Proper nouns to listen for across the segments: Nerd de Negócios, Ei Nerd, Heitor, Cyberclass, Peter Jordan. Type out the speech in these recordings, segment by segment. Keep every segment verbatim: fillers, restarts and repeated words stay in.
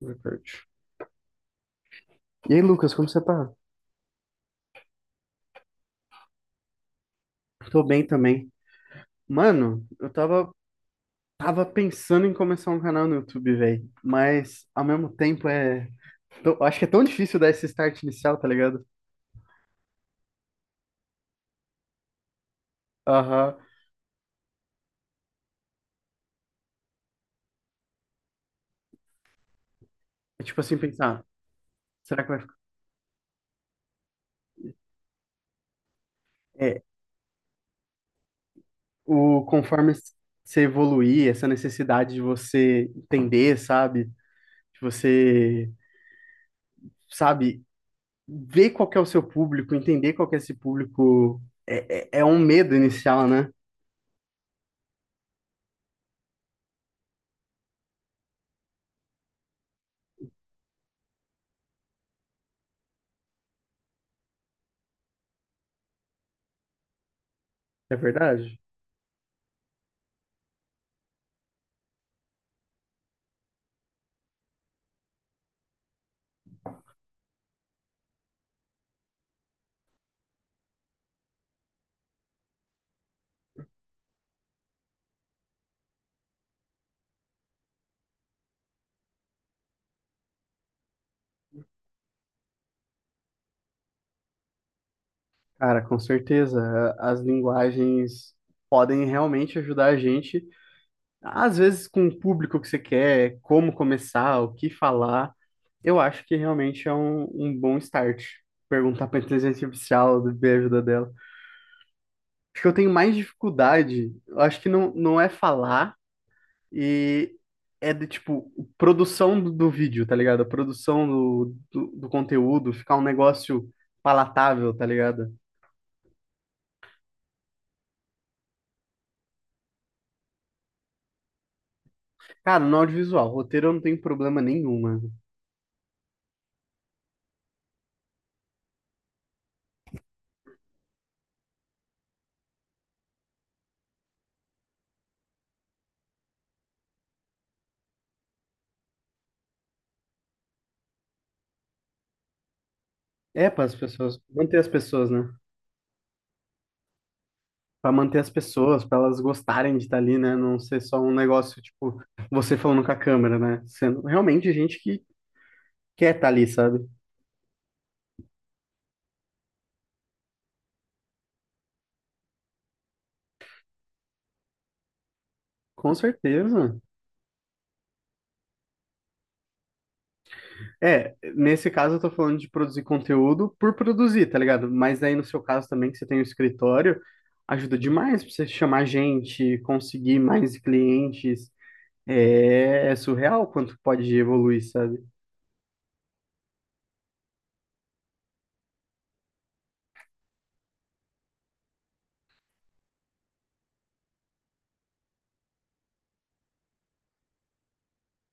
Recorde. E aí, Lucas, como você tá? Tô bem também. Mano, eu tava, tava pensando em começar um canal no YouTube, velho. Mas, ao mesmo tempo, é. tô- acho que é tão difícil dar esse start inicial, tá ligado? Aham. É tipo assim, pensar, será que vai ficar. É, o, conforme você evoluir, essa necessidade de você entender, sabe? De você, sabe, ver qual que é o seu público, entender qual que é esse público. É, é, é um medo inicial, né? É verdade? Cara, com certeza. A- As linguagens podem realmente ajudar a gente, às vezes com o público que você quer, como começar, o que falar. Eu acho que realmente é um, um bom start. Perguntar para inteligência artificial, ver a ajuda dela. Acho que eu tenho mais dificuldade, eu acho que não, não é falar e é de tipo, produção do, do vídeo, tá ligado? A produção do, do do conteúdo, ficar um negócio palatável, tá ligado? Cara, no audiovisual, roteiro eu não tenho problema nenhum, mano. É para as pessoas, manter as pessoas, né? Para manter as pessoas, para elas gostarem de estar ali, né? Não ser só um negócio, tipo, você falando com a câmera, né? Sendo realmente gente que quer estar ali, sabe? Com certeza. É, nesse caso eu tô falando de produzir conteúdo por produzir, tá ligado? Mas aí no seu caso também, que você tem o escritório, ajuda demais pra você chamar gente, conseguir mais clientes. É, é surreal quanto pode evoluir, sabe?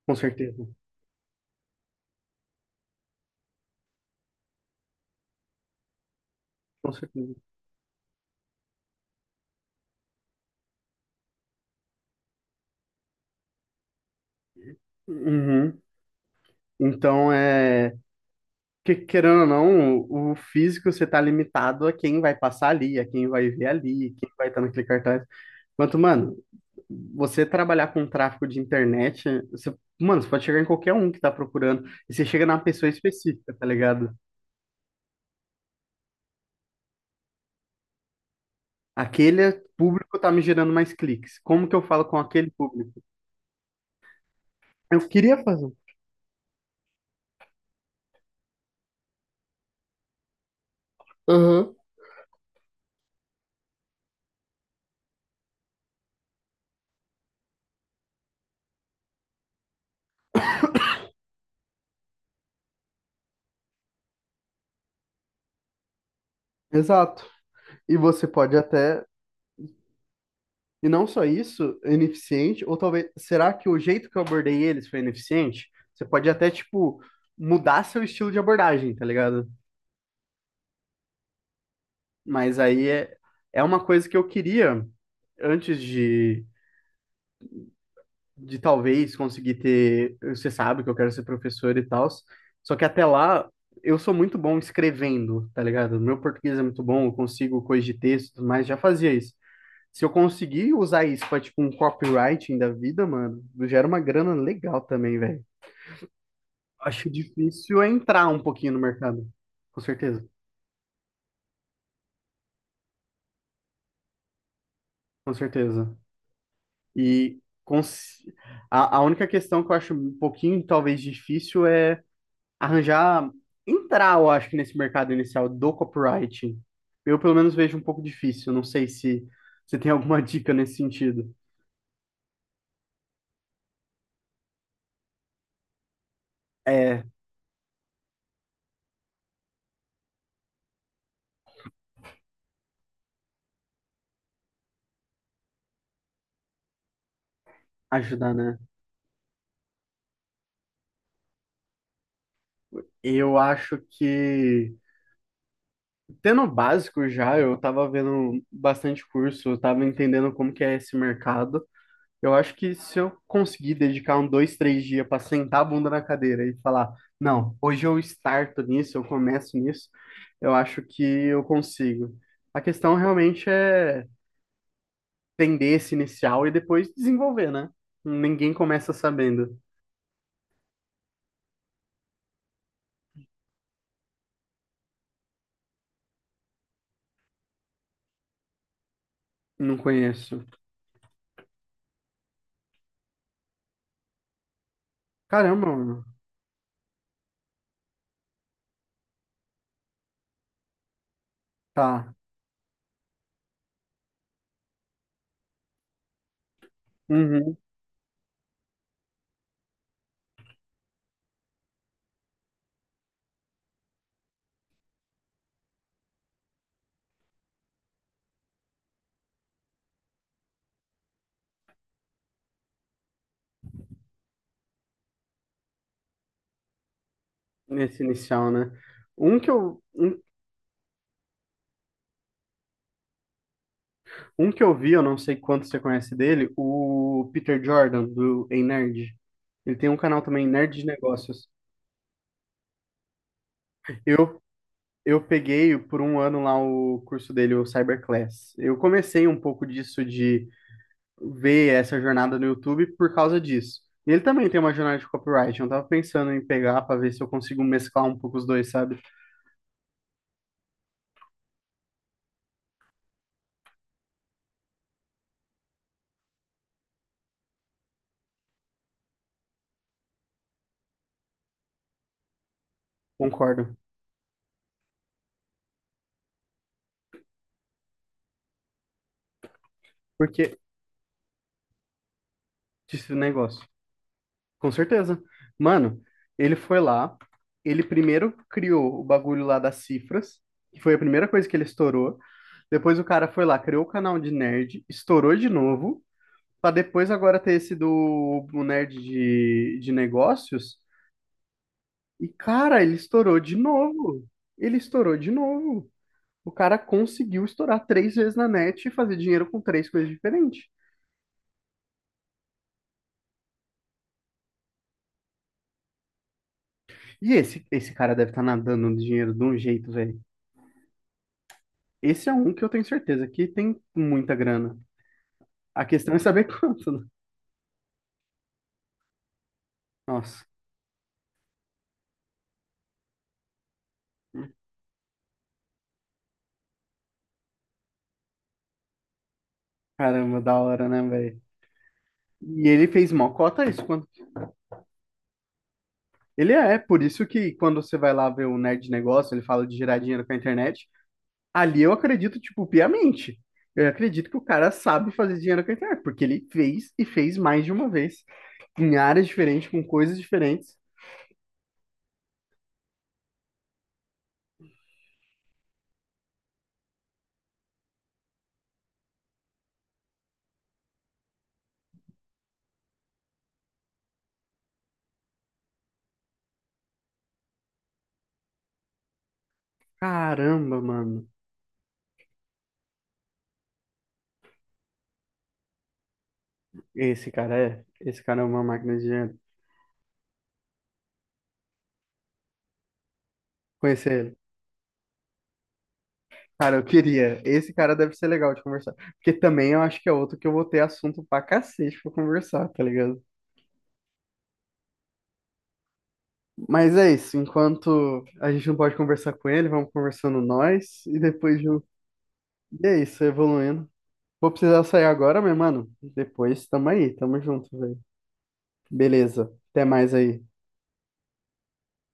Com certeza. Com certeza. Uhum. Então, é. que- querendo ou não, o o físico você tá limitado a quem vai passar ali, a quem vai ver ali, quem vai estar naquele cartaz. Quanto, mano, você trabalhar com tráfego de internet, você, mano, você pode chegar em qualquer um que tá procurando, e você chega numa pessoa específica, tá ligado? Aquele público tá me gerando mais cliques. Como que eu falo com aquele público? Eu queria fazer. Uhum. Exato. E você pode até E não só isso, é ineficiente, ou talvez, será que o jeito que eu abordei eles foi ineficiente? Você pode até, tipo, mudar seu estilo de abordagem, tá ligado? Mas aí é, é uma coisa que eu queria, antes de, de talvez conseguir ter. Você sabe que eu quero ser professor e tal, só que até lá eu sou muito bom escrevendo, tá ligado? Meu português é muito bom, eu consigo coisas de texto, mas já fazia isso. Se eu conseguir usar isso pra, tipo, um copywriting da vida, mano, gera uma grana legal também, velho. Acho difícil é entrar um pouquinho no mercado. Com certeza, com certeza. E cons- a, a única questão que eu acho um pouquinho, talvez, difícil é arranjar, entrar, eu acho que nesse mercado inicial do copywriting. Eu, pelo menos, vejo um pouco difícil. Não sei se você tem alguma dica nesse sentido. É, ajudar, né? Eu acho que Tendo o básico já, eu tava vendo bastante curso, eu tava entendendo como que é esse mercado. Eu acho que se eu conseguir dedicar um dois, três dias para sentar a bunda na cadeira e falar, não, hoje eu starto nisso, eu começo nisso, eu acho que eu consigo. A questão realmente é entender esse inicial e depois desenvolver, né? Ninguém começa sabendo. Não conheço. Caramba, mano. Tá. Uhum. Nesse inicial, né? Um que eu, um Um que eu vi, eu não sei quanto você conhece dele, o Peter Jordan, do Ei Nerd. Ele tem um canal também, Nerd de Negócios. Eu, eu peguei por um ano lá o curso dele, o Cyberclass. Eu comecei um pouco disso de ver essa jornada no YouTube por causa disso. E ele também tem uma jornada de copyright. Eu tava pensando em pegar para ver se eu consigo mesclar um pouco os dois, sabe? Concordo. Porque disse o negócio. Com certeza. Mano, ele foi lá, ele primeiro criou o bagulho lá das cifras, que foi a primeira coisa que ele estourou. Depois o cara foi lá, criou o canal de nerd, estourou de novo, pra depois agora ter esse do o nerd de, de negócios. E, cara, ele estourou de novo. Ele estourou de novo. O cara conseguiu estourar três vezes na net e fazer dinheiro com três coisas diferentes. E esse, esse cara deve estar nadando no dinheiro de um jeito, velho. Esse é um que eu tenho certeza que tem muita grana. A questão é saber quanto. né? Nossa, caramba, da hora, né, velho? E ele fez mó cota isso. Quando... Ele é, por isso que quando você vai lá ver o Nerd Negócio, ele fala de gerar dinheiro com a internet. Ali eu acredito, tipo, piamente. Eu acredito que o cara sabe fazer dinheiro com a internet, porque ele fez e fez mais de uma vez, em áreas diferentes, com coisas diferentes. Caramba, mano. Esse cara é, esse cara é uma máquina de dinheiro. Conhecer ele. Cara, eu queria. Esse cara deve ser legal de conversar. Porque também eu acho que é outro que eu vou ter assunto pra cacete pra conversar, tá ligado? Mas é isso. Enquanto a gente não pode conversar com ele, vamos conversando nós. E depois junto. E é isso, evoluindo. Vou precisar sair agora, meu mano. Depois tamo aí, tamo junto, velho. Beleza. Até mais aí.